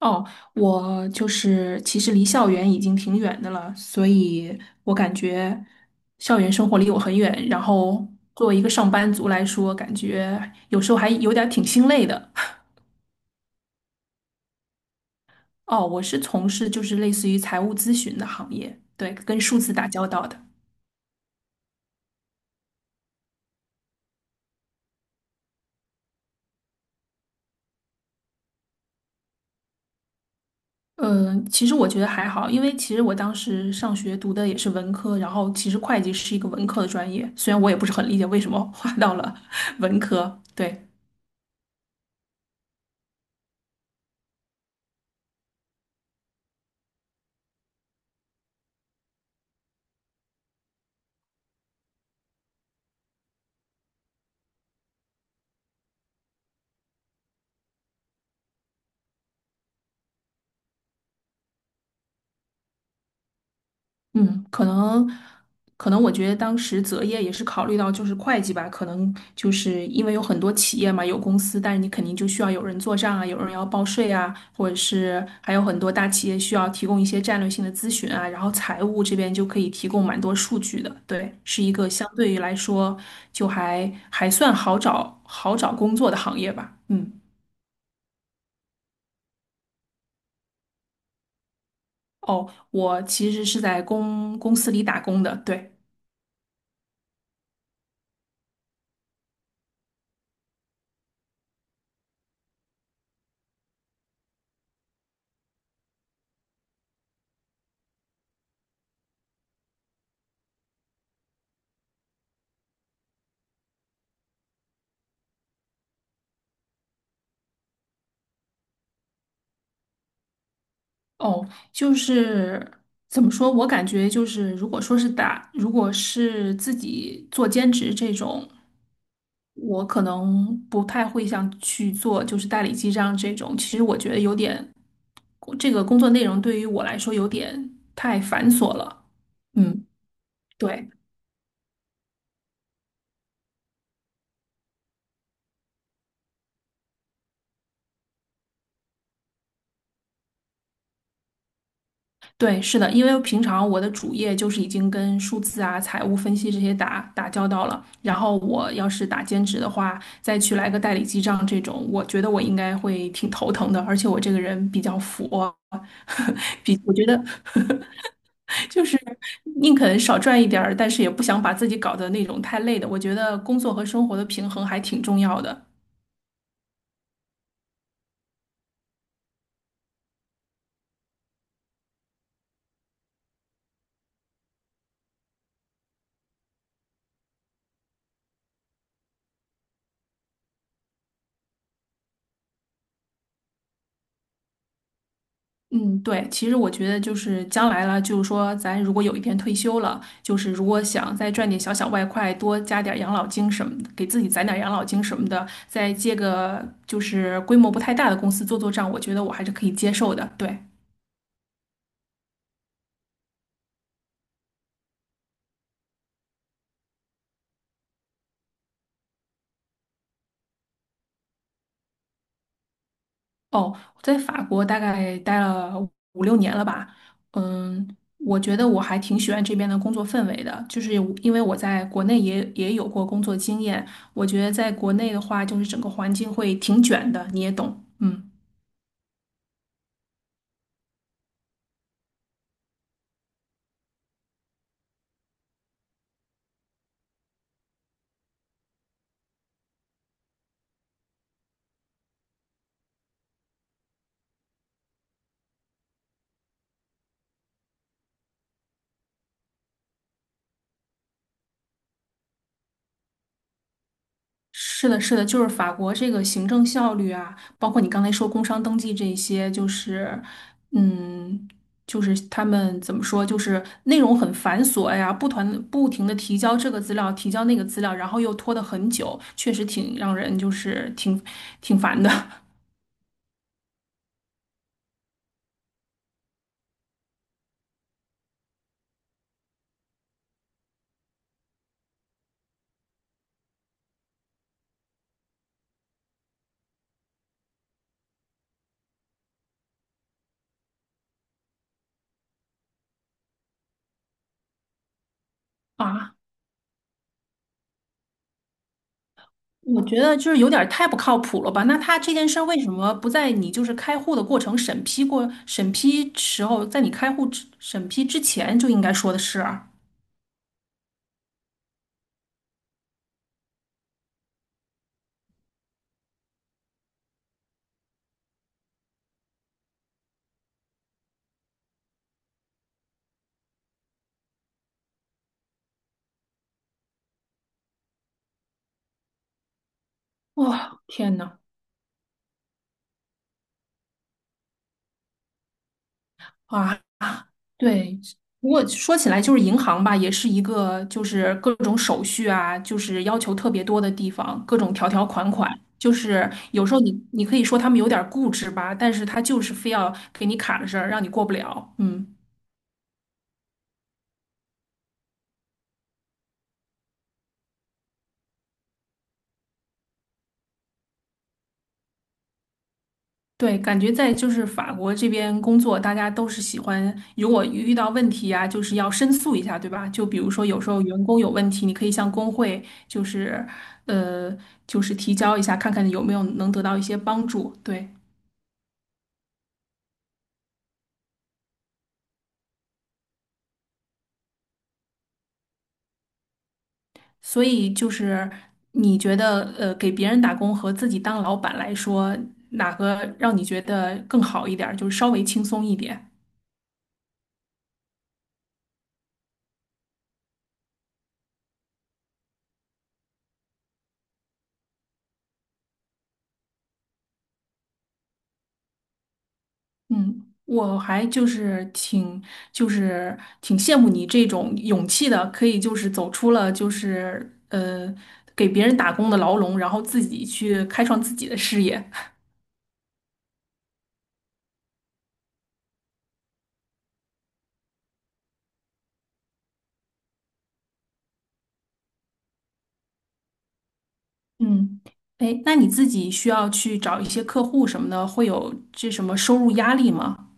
哦，我就是其实离校园已经挺远的了，所以我感觉校园生活离我很远。然后作为一个上班族来说，感觉有时候还有点儿挺心累的。哦，我是从事就是类似于财务咨询的行业，对，跟数字打交道的。嗯，其实我觉得还好，因为其实我当时上学读的也是文科，然后其实会计是一个文科的专业，虽然我也不是很理解为什么划到了 文科，对。嗯，可能我觉得当时择业也是考虑到就是会计吧，可能就是因为有很多企业嘛，有公司，但是你肯定就需要有人做账啊，有人要报税啊，或者是还有很多大企业需要提供一些战略性的咨询啊，然后财务这边就可以提供蛮多数据的，对，是一个相对于来说就还算好找工作的行业吧，嗯，哦，我其实是在公司里打工的，对。哦，就是怎么说，我感觉就是，如果是自己做兼职这种，我可能不太会想去做，就是代理记账这种。其实我觉得这个工作内容对于我来说有点太繁琐了。嗯，对。对，是的，因为平常我的主业就是已经跟数字啊、财务分析这些打打交道了，然后我要是打兼职的话，再去来个代理记账这种，我觉得我应该会挺头疼的，而且我这个人比较佛，我觉得就是宁肯少赚一点儿，但是也不想把自己搞得那种太累的，我觉得工作和生活的平衡还挺重要的。嗯，对，其实我觉得就是将来了，就是说咱如果有一天退休了，就是如果想再赚点小小外快，多加点养老金什么的，给自己攒点养老金什么的，再接个就是规模不太大的公司做做账，我觉得我还是可以接受的。对，哦，我在法国大概待了5、6年了吧，嗯，我觉得我还挺喜欢这边的工作氛围的，就是因为我在国内也有过工作经验，我觉得在国内的话，就是整个环境会挺卷的，你也懂，嗯。是的，是的，就是法国这个行政效率啊，包括你刚才说工商登记这些，就是，嗯，就是他们怎么说，就是内容很繁琐呀，不停的提交这个资料，提交那个资料，然后又拖得很久，确实挺让人就是挺烦的 啊。我觉得就是有点儿太不靠谱了吧？那他这件事儿为什么不在你就是开户的过程审批时候，在你开户审批之前就应该说的是啊？哇、天呐！啊，对，不过说起来，就是银行吧，也是一个就是各种手续啊，就是要求特别多的地方，各种条条款款。就是有时候你可以说他们有点儿固执吧，但是他就是非要给你卡着事儿，让你过不了。嗯。对，感觉在就是法国这边工作，大家都是喜欢，如果遇到问题呀、就是要申诉一下，对吧？就比如说有时候员工有问题，你可以向工会，就是，呃，就是提交一下，看看有没有能得到一些帮助。对，所以就是你觉得，给别人打工和自己当老板来说，哪个让你觉得更好一点儿，就是稍微轻松一点？嗯，我还就是挺羡慕你这种勇气的，可以就是走出了就是给别人打工的牢笼，然后自己去开创自己的事业。嗯，哎，那你自己需要去找一些客户什么的，会有这什么收入压力吗？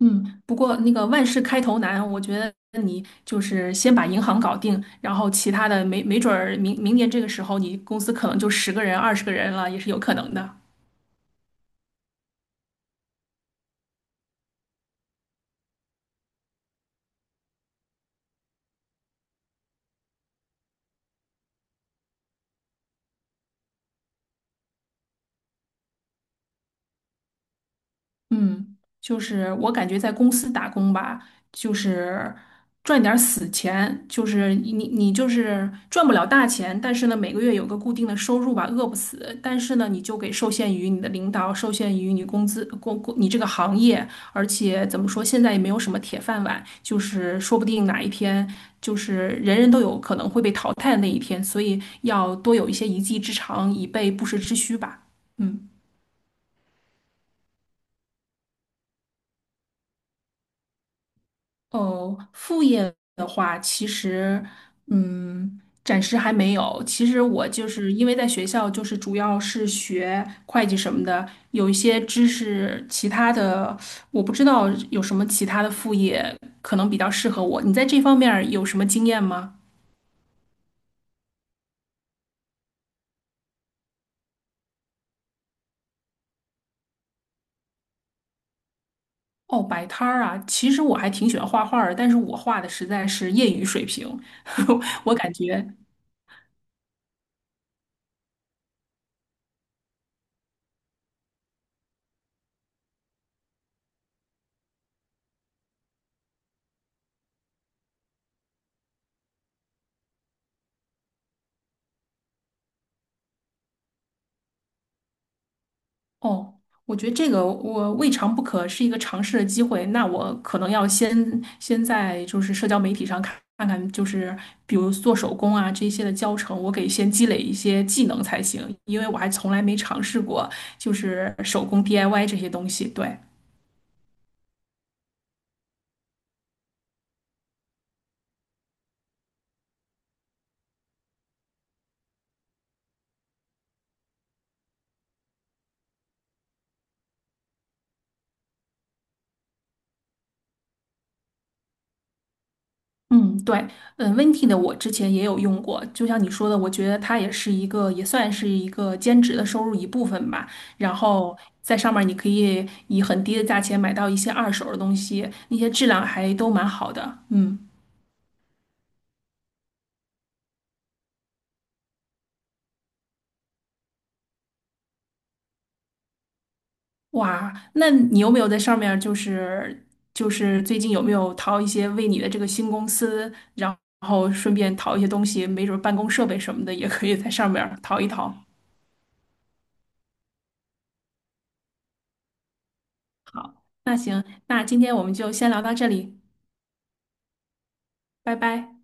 嗯，不过那个万事开头难，我觉得你就是先把银行搞定，然后其他的没准儿明年这个时候，你公司可能就十个人、20个人了，也是有可能的。嗯，就是我感觉在公司打工吧，就是赚点儿死钱，就是你就是赚不了大钱，但是呢每个月有个固定的收入吧，饿不死。但是呢，你就给受限于你的领导，受限于你工资你这个行业，而且怎么说，现在也没有什么铁饭碗，就是说不定哪一天就是人人都有可能会被淘汰的那一天，所以要多有一些一技之长，以备不时之需吧。嗯。哦，副业的话，其实，嗯，暂时还没有。其实我就是因为在学校，就是主要是学会计什么的，有一些知识，其他的我不知道有什么其他的副业可能比较适合我。你在这方面儿有什么经验吗？哦，摆摊儿啊，其实我还挺喜欢画画儿的，但是我画的实在是业余水平，我感觉。哦，我觉得这个我未尝不可是一个尝试的机会。那我可能要先在就是社交媒体上看看，就是比如做手工啊这些的教程，我给先积累一些技能才行，因为我还从来没尝试过就是手工 DIY 这些东西。对。嗯，对，嗯，Venti 的我之前也有用过，就像你说的，我觉得它也是一个，也算是一个兼职的收入一部分吧。然后在上面儿你可以以很低的价钱买到一些二手的东西，那些质量还都蛮好的。嗯，哇，那你有没有在上面儿就是最近有没有淘一些为你的这个新公司，然后顺便淘一些东西，没准儿办公设备什么的也可以在上面儿淘一淘。好，那行，那今天我们就先聊到这里，拜拜。